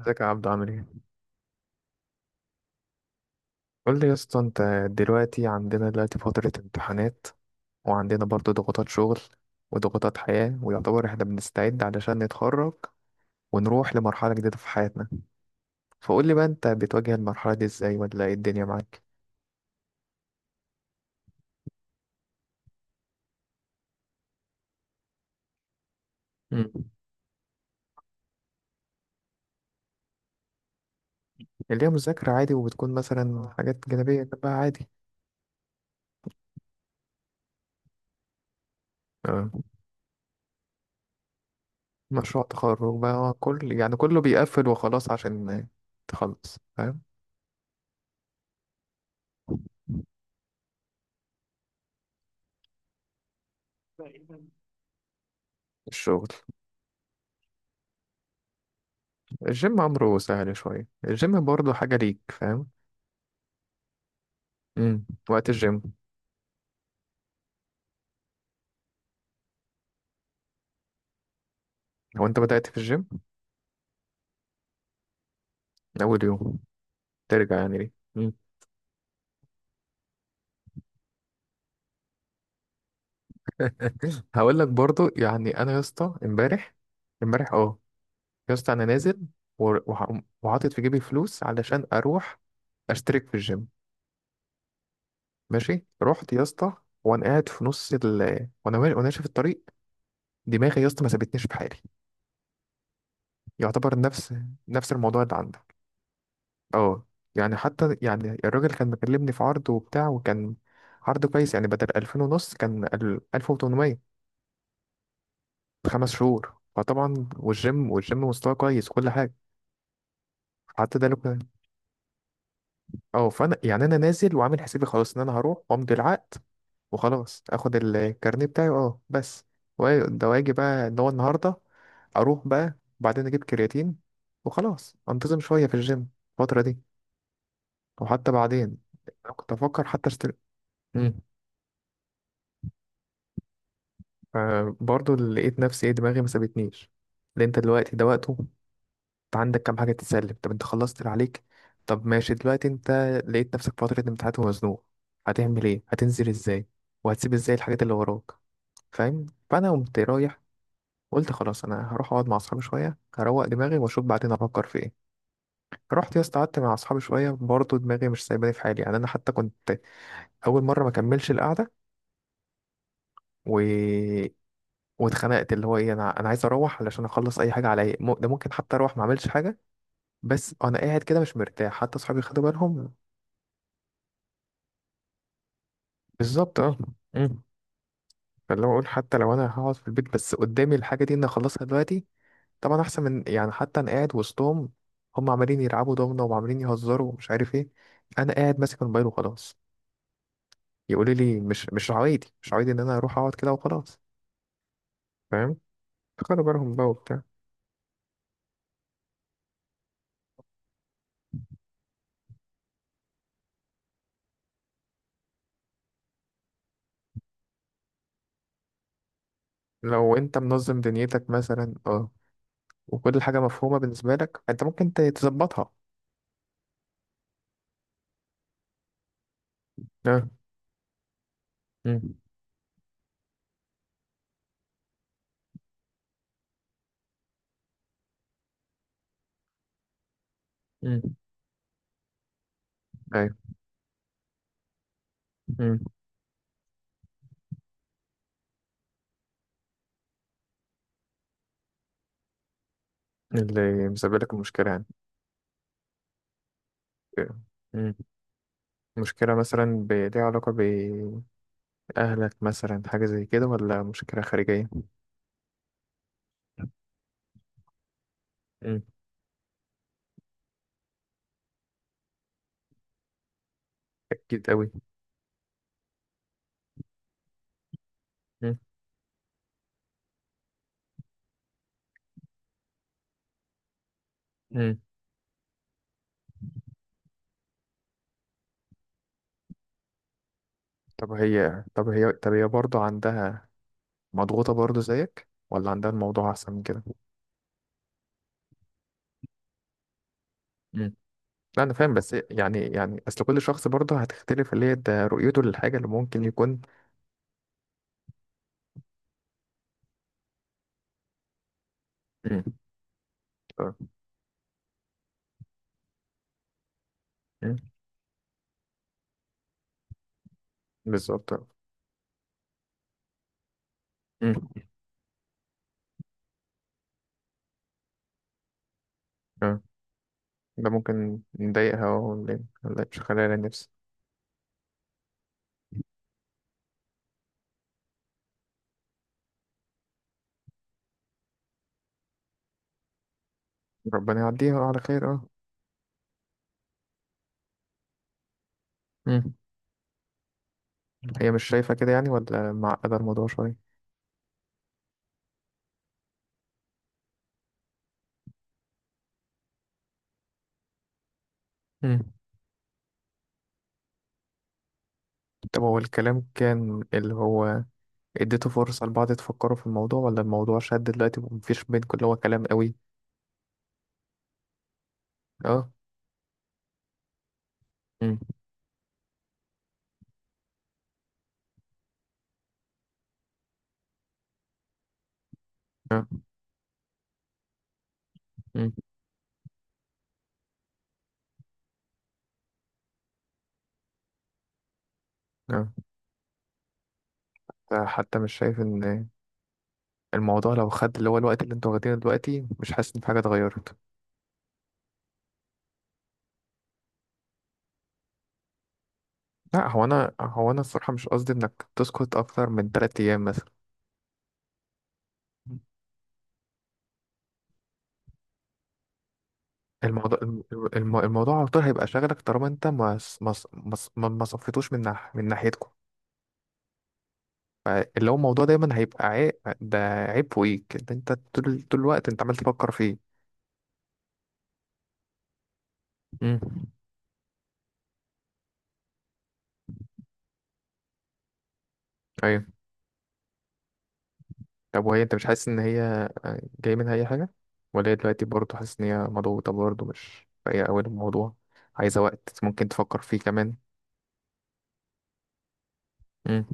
ازيك يا عبدو، عامل ايه؟ قول لي يا اسطى، انت دلوقتي عندنا دلوقتي فترة امتحانات، وعندنا برضو ضغوطات شغل وضغوطات حياة، ويعتبر احنا بنستعد علشان نتخرج ونروح لمرحلة جديدة في حياتنا. فقول لي بقى، انت بتواجه المرحلة دي ازاي، ولا ايه الدنيا معاك؟ مم. اللي هي مذاكرة عادي، وبتكون مثلا حاجات جانبية بقى عادي. اه. مشروع تخرج بقى، اه، كل يعني كله بيقفل وخلاص عشان تخلص، فاهم؟ الشغل. الجيم أمره سهل شوية، الجيم برضه حاجة ليك، فاهم؟ وقت الجيم. هو انت بدأت في الجيم من اول يوم ترجع يعني ليه؟ مم. هقول لك برضو، يعني انا يا اسطى امبارح اه، يا اسطى انا نازل، وحاطط في جيبي فلوس علشان اروح اشترك في الجيم. ماشي، رحت يا اسطى، وانا قاعد في نص ال وانا ماشي في الطريق، دماغي يا اسطى ما سابتنيش في حالي. يعتبر نفس الموضوع اللي عندك. اه، يعني حتى يعني الراجل كان مكلمني في عرض وبتاع، وكان عرض كويس. يعني بدل 2500 كان 1800، 5 شهور. فطبعا، والجيم مستواه كويس وكل حاجة. حتى ده لو كان، اه. فأنا يعني أنا نازل وعامل حسابي خلاص إن أنا هروح وأمضي العقد وخلاص، اخد الكارنيه بتاعي. اه، بس، ده واجي بقى ان هو النهارده اروح بقى، وبعدين اجيب كرياتين وخلاص، انتظم شويه في الجيم الفتره دي. وحتى بعدين أنا كنت افكر حتى اشتري. فبرضه اللي لقيت نفسي، ايه، دماغي ما سابتنيش. لأن انت دلوقتي ده وقته، انت عندك كام حاجة تتسلم. طب انت خلصت اللي عليك؟ طب ماشي، دلوقتي انت لقيت نفسك فترة امتحانات ومزنوق، هتعمل ايه، هتنزل ازاي، وهتسيب ازاي الحاجات اللي وراك؟ فاهم؟ فانا قمت رايح، قلت خلاص انا هروح اقعد مع اصحابي شوية، هروق دماغي، واشوف بعدين افكر في ايه. رحت يا اسطى، قعدت مع اصحابي شوية، برضه دماغي مش سايباني في حالي. يعني انا حتى كنت اول مره ما كملش القعده. و واتخنقت اللي هو ايه، انا عايز اروح علشان اخلص اي حاجه عليا. ده ممكن حتى اروح ما اعملش حاجه، بس انا قاعد كده مش مرتاح. حتى اصحابي خدوا بالهم. بالظبط، اه. مم. فاللي هو اقول، حتى لو انا هقعد في البيت، بس قدامي الحاجه دي ان اخلصها دلوقتي، طبعا احسن من، يعني، حتى انا قاعد وسطهم، هم عمالين يلعبوا دومنه وعمالين يهزروا ومش عارف ايه، انا قاعد ماسك الموبايل وخلاص، يقولوا لي مش عوايدي، مش عوايدي ان انا اروح اقعد كده وخلاص. فاهم؟ خدوا بالهم بقى وبتاع. لو انت منظم دنيتك مثلا، اه، وكل حاجة مفهومة بالنسبة لك، انت ممكن تظبطها. اه. مم. مم. ايوه. مم. اللي مسبب لك المشكلة يعني. آه. مم. مشكلة مثلا ليها علاقة بأهلك مثلا، حاجة زي كده، ولا مشكلة خارجية؟ مم. أكيد أوي. مم. مم. طب هي برضه عندها، مضغوطة برضه زيك، ولا عندها الموضوع أحسن من كده؟ مم. لا، أنا فاهم، بس يعني أصل كل شخص برضه هتختلف اللي هي ده رؤيته للحاجة اللي ممكن يكون. مم. آه. مم. بالظبط. مم. اه، ده ممكن نضايقها؟ ولا مش خلالها نفسي؟ ربنا يعديها على خير. اه. مم. هي مش شايفة كده، يعني ولا معقدة الموضوع شوية؟ مم. طب هو الكلام كان، اللي هو، اديته فرصة لبعض تفكروا في الموضوع، ولا الموضوع شد دلوقتي ومفيش بينكم اللي هو كلام قوي؟ اه. مم. اه. مم. اه. حتى مش شايف ان الموضوع لو خد، اللي هو، الوقت اللي انتوا واخدينه دلوقتي، مش حاسس ان في حاجة اتغيرت؟ لا، هو انا الصراحة مش قصدي انك تسكت اكتر من 3 ايام مثلا. الموضوع الم- الموضوع على طول هيبقى شاغلك طالما انت ما صفيتوش من ناحيتكم. فاللي هو الموضوع دايما هيبقى عيب، ده عيب فوقيك. ده انت طول الوقت انت عمال تفكر فيه. امم ايوه. طب وهي، انت مش حاسس ان هي جاي منها اي حاجه، ولا هي دلوقتي برضه، حاسس ان هي مضغوطه برضه، مش هي اول الموضوع، عايزه وقت ممكن تفكر فيه كمان؟ امم.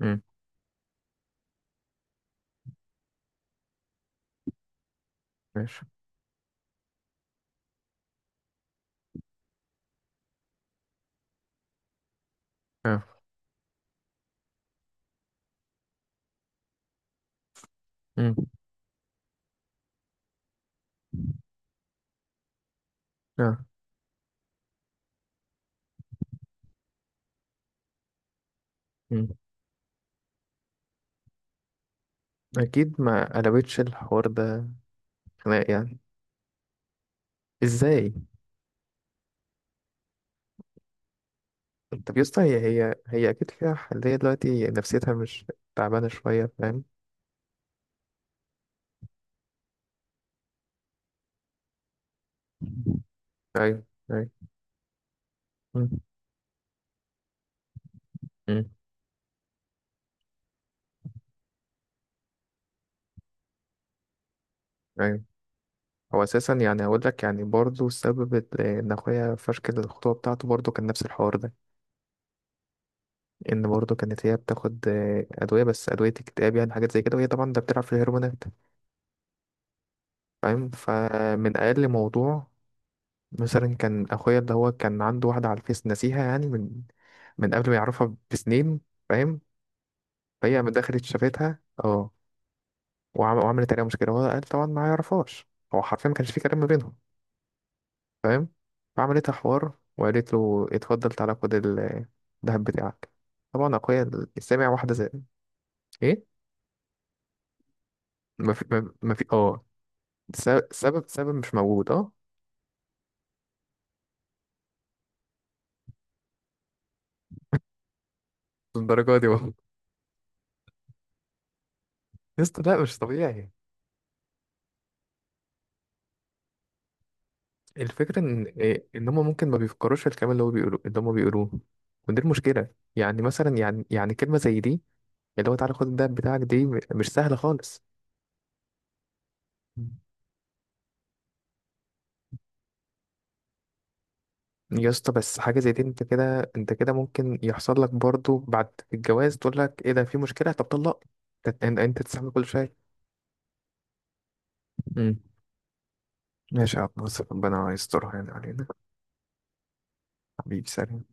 امم. ماشي. اه. امم. اه. امم. اكيد. ما قلبتش الحوار ده خناق يعني؟ ازاي؟ طب يا اسطى، هي اكيد فيها حل. هي دلوقتي نفسيتها مش تعبانه شويه، فاهم؟ ايوه. ايوه. مم. مم. ايوه. هو اساسا، يعني اقول لك يعني، برضه السبب ان اخويا فشكل الخطوبه بتاعته، برضه كان نفس الحوار ده، ان برضه كانت هي بتاخد، ادويه، بس ادويه اكتئاب، يعني حاجات زي كده، وهي طبعا ده بتلعب في الهرمونات. فاهم؟ فمن اقل موضوع، مثلا كان اخويا، اللي هو كان عنده واحده على الفيس، نسيها يعني، من قبل ما يعرفها بسنين. فاهم؟ فهي من دخلت شافتها، اه، وعملت عليها مشكلة. وهو قال طبعا ما يعرفهاش، هو حرفيا ما كانش في كلام ما بينهم. فاهم؟ فعملتها حوار وقالت له اتفضل تعالى خد الذهب بتاعك. طبعا أخويا السامع واحدة زي، إيه، ما في، سبب مش موجود، آه. الدرجة دي والله! يا اسطى لا، مش طبيعي. الفكرة إن، إيه، إن هما ممكن ما بيفكروش في الكلام اللي هو بيقولوه، اللي هما بيقولوه. ودي المشكلة. يعني مثلا، يعني كلمة زي دي، اللي هو تعالى خد الذهب بتاعك، دي مش سهلة خالص. يا اسطى بس حاجة زي دي، انت كده ممكن يحصل لك برضو بعد الجواز، تقول لك ايه ده، في مشكلة، طب طلق! انت تستحمل كل شيء. امم ماشي يا عبد الناصر، ربنا يسترها يعني علينا. حبيبي، سلام.